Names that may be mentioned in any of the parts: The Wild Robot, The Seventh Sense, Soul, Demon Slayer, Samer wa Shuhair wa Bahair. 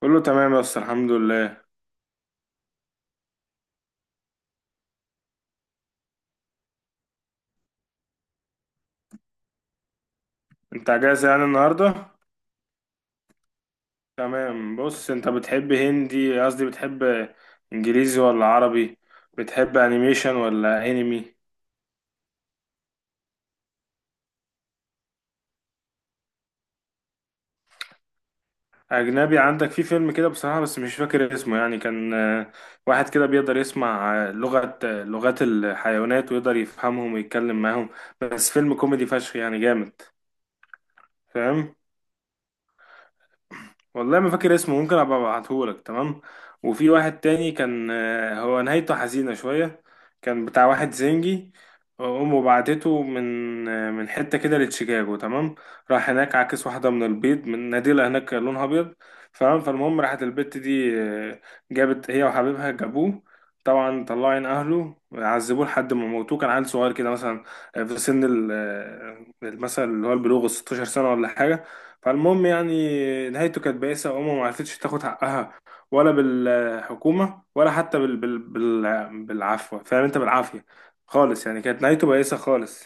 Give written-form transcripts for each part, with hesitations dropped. كله تمام بس الحمد لله. انت اجازة يعني النهاردة؟ تمام، بص انت بتحب هندي قصدي بتحب انجليزي ولا عربي؟ بتحب انيميشن ولا انمي؟ اجنبي. عندك في فيلم كده بصراحة بس مش فاكر اسمه، يعني كان واحد كده بيقدر يسمع لغة لغات الحيوانات ويقدر يفهمهم ويتكلم معاهم. بس فيلم كوميدي فشخ، يعني جامد. فاهم؟ والله ما فاكر اسمه، ممكن ابقى ابعتهولك. تمام. وفي واحد تاني كان هو نهايته حزينة شوية. كان بتاع واحد زنجي، امه بعتته من حتة كده لشيكاغو. تمام. راح هناك عاكس واحدة من البيض، من ناديلة هناك كان لونها ابيض. فاهم؟ فالمهم راحت البت دي، جابت هي وحبيبها جابوه، طبعا طلعوا عين اهله، عذبوه لحد ما موتوه. كان عيل صغير كده، مثلا في سن مثلا اللي هو البلوغ، 16 سنة ولا حاجة. فالمهم يعني نهايته كانت بائسة، وأمه ما عرفتش تاخد حقها، ولا بالحكومة ولا حتى بالعفو. فاهم أنت؟ بالعافية خالص، يعني كانت نهايته بائسة خالص.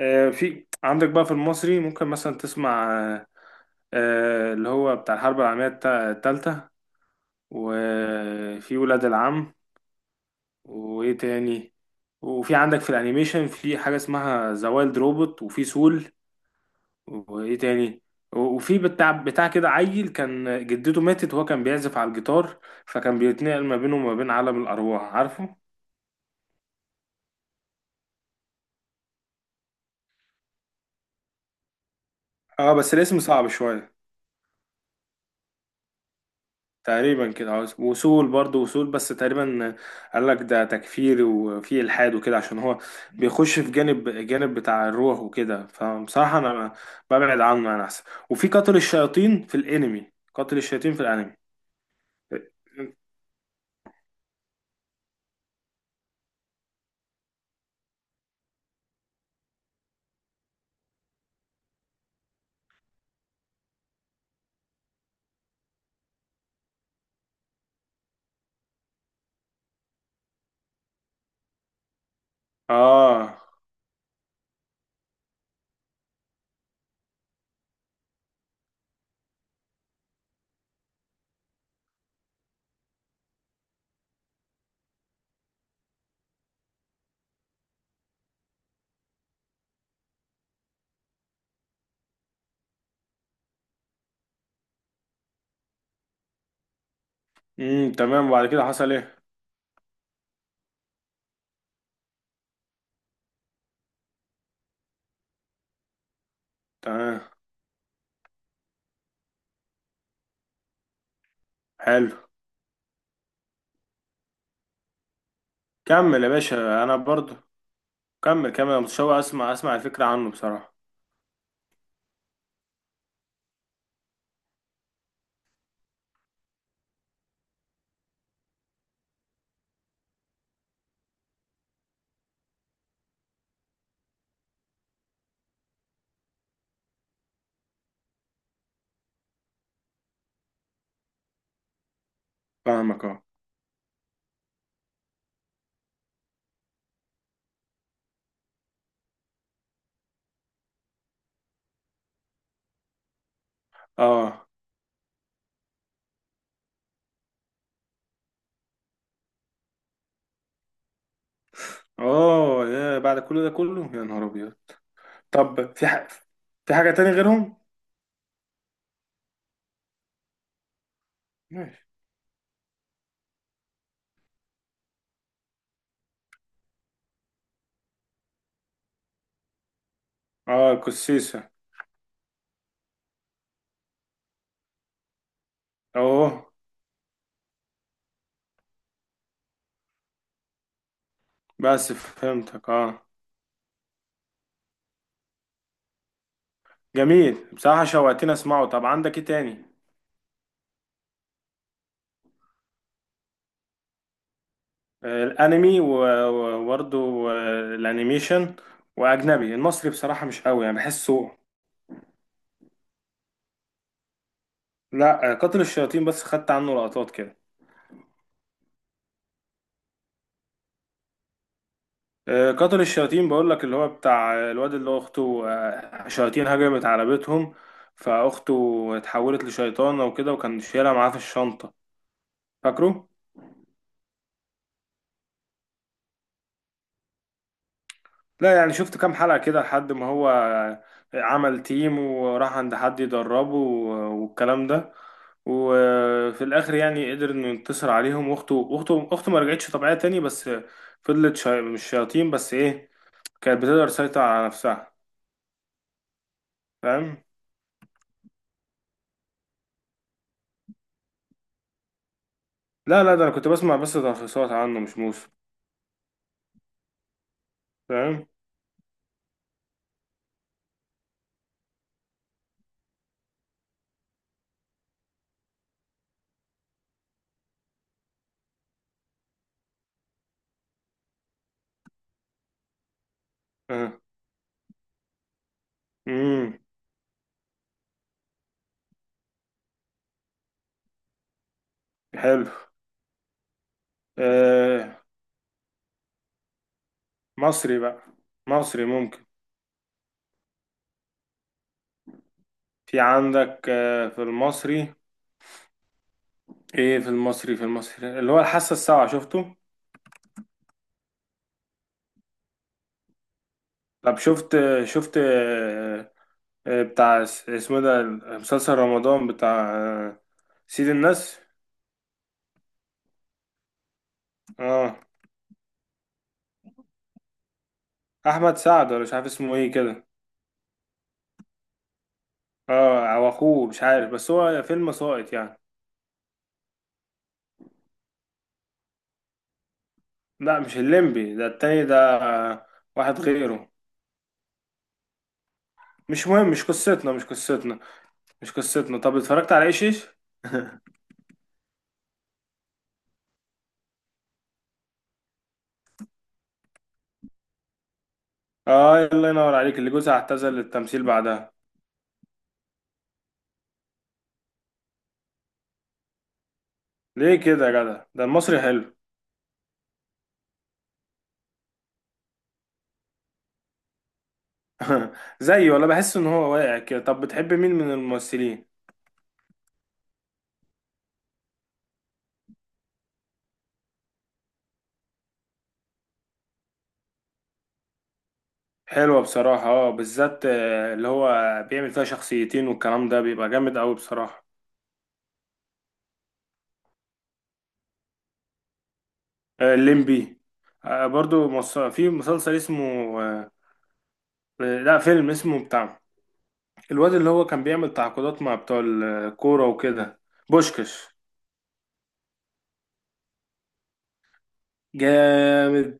في عندك بقى في المصري ممكن مثلا تسمع اللي هو بتاع الحرب العالمية التالتة. وفي ولاد العم. وإيه تاني؟ وفي عندك في الأنيميشن في حاجة اسمها ذا وايلد روبوت، وفي سول. وايه تاني؟ وفي بتاع كده عيل كان جدته ماتت، وهو كان بيعزف على الجيتار، فكان بيتنقل ما بينه وما بين عالم الارواح. عارفه؟ اه بس الاسم صعب شويه. تقريبا كده، اه. وصول، برضه وصول بس تقريبا. قال لك ده تكفير وفي الحاد وكده، عشان هو بيخش في جانب بتاع الروح وكده، فبصراحه انا ببعد عنه انا، احسن. وفي قاتل الشياطين في الانمي، قاتل الشياطين في الانمي. اه، امم، تمام. وبعد كده حصل ايه؟ تمام. حلو. كمل يا باشا، انا برضو. كمل أنا متشوق، اسمع الفكرة عنه بصراحة. فاهمك، اه اه. اوه، يا بعد كل ده كله، يا نهار ابيض. طب في في حاجة تاني غيرهم؟ ماشي. اه، القسيسة. اوه. بس فهمتك، اه. جميل بصراحة، شوقتني اسمعه. طب عندك ايه تاني؟ الانمي و- و- وبرضه الانيميشن، واجنبي. المصري بصراحة مش قوي، يعني بحسه. لا، قاتل الشياطين بس خدت عنه لقطات كده. قاتل الشياطين بقول لك، اللي هو بتاع الواد اللي هو اخته شياطين هجمت على بيتهم، فاخته اتحولت لشيطانه وكده، وكان شايلها معاه في الشنطه. فاكره؟ لا يعني شفت كام حلقه كده، لحد ما هو عمل تيم وراح عند حد يدربه والكلام ده. وفي الاخر يعني قدر انه ينتصر عليهم، واخته اخته ما رجعتش طبيعيه تاني، بس فضلت مش شياطين، بس ايه، كانت بتقدر تسيطر على نفسها. فاهم؟ لا ده انا كنت بسمع بس تلخيصات عنه، مش موسم. فاهم؟ اه، امم، حلو. آه، مصري بقى. مصري ممكن. في عندك آه في المصري، ايه في المصري؟ في المصري اللي هو الحاسة السابعة، شفته؟ طب شفت، شفت آه بتاع اسمه ده، مسلسل رمضان بتاع سيد الناس. اه، احمد سعد ولا مش عارف اسمه ايه كده. اه او اخوه، مش عارف، بس هو فيلم ساقط يعني. لا مش الليمبي، ده التاني، ده واحد غيره. مش مهم، مش قصتنا مش قصتنا، مش قصتنا. طب اتفرجت على ايش ايش؟ اه، الله ينور عليك، اللي جوزها اعتزل التمثيل بعدها. ليه كده يا جدع؟ ده المصري حلو. زيه؟ ولا بحس ان هو واقع كده. طب بتحب مين من الممثلين؟ حلوة بصراحة اه، بالذات اللي هو بيعمل فيها شخصيتين، والكلام ده بيبقى جامد قوي بصراحة، الليمبي. برضو في مسلسل اسمه آه، لا، فيلم اسمه بتاع الواد اللي هو كان بيعمل تعاقدات مع بتوع الكورة وكده، بوشكش. جامد.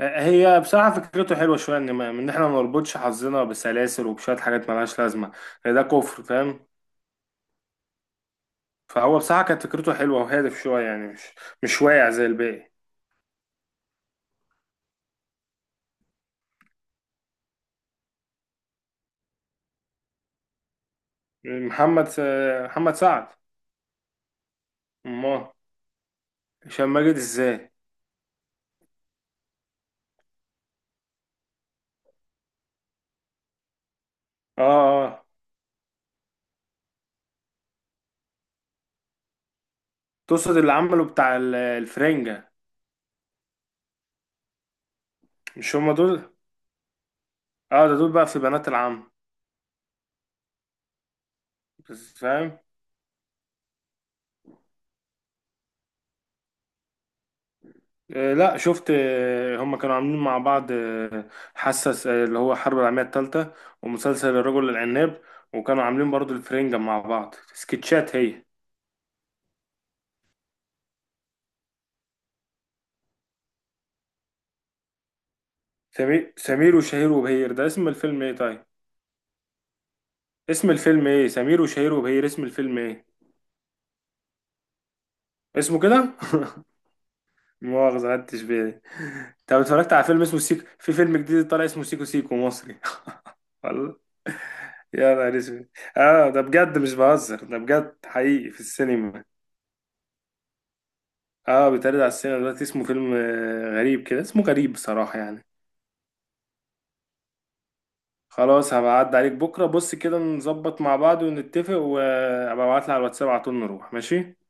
هي بصراحة فكرته حلوة شوية، إن إن إحنا ما نربطش حظنا بسلاسل وبشوية حاجات ملهاش لازمة، ده كفر. فاهم؟ فهو بصراحة كانت فكرته حلوة وهادف شوية، يعني مش واقع زي الباقي. محمد س- محمد سعد. أمال؟ هشام ماجد إزاي؟ آه آه، تقصد اللي عمله بتاع الفرنجة؟ مش هما دول؟ آه ده دول بقى في بنات العم. بس فاهم؟ لا شفت، هم كانوا عاملين مع بعض حسس اللي هو الحرب العالمية الثالثة، ومسلسل الرجل العناب. وكانوا عاملين برضو الفرنجة مع بعض سكتشات هي. سمير وشهير وبهير ده اسم الفيلم ايه طيب؟ اسم الفيلم ايه؟ سمير وشهير وبهير اسم الفيلم ايه؟ اسمه كده مؤاخذة خدتش بالي. طب اتفرجت على فيلم اسمه سيكو؟ في فيلم جديد طالع اسمه سيكو سيكو مصري. والله. يا نهار اسود. اه ده بجد، مش بهزر، ده بجد حقيقي في السينما. اه بيتعرض على السينما دلوقتي، اسمه فيلم غريب كده، اسمه غريب بصراحة يعني. خلاص هبقى أعدي عليك بكرة، بص كده نظبط مع بعض ونتفق، وابقى ابعتلي على الواتساب على طول نروح. ماشي.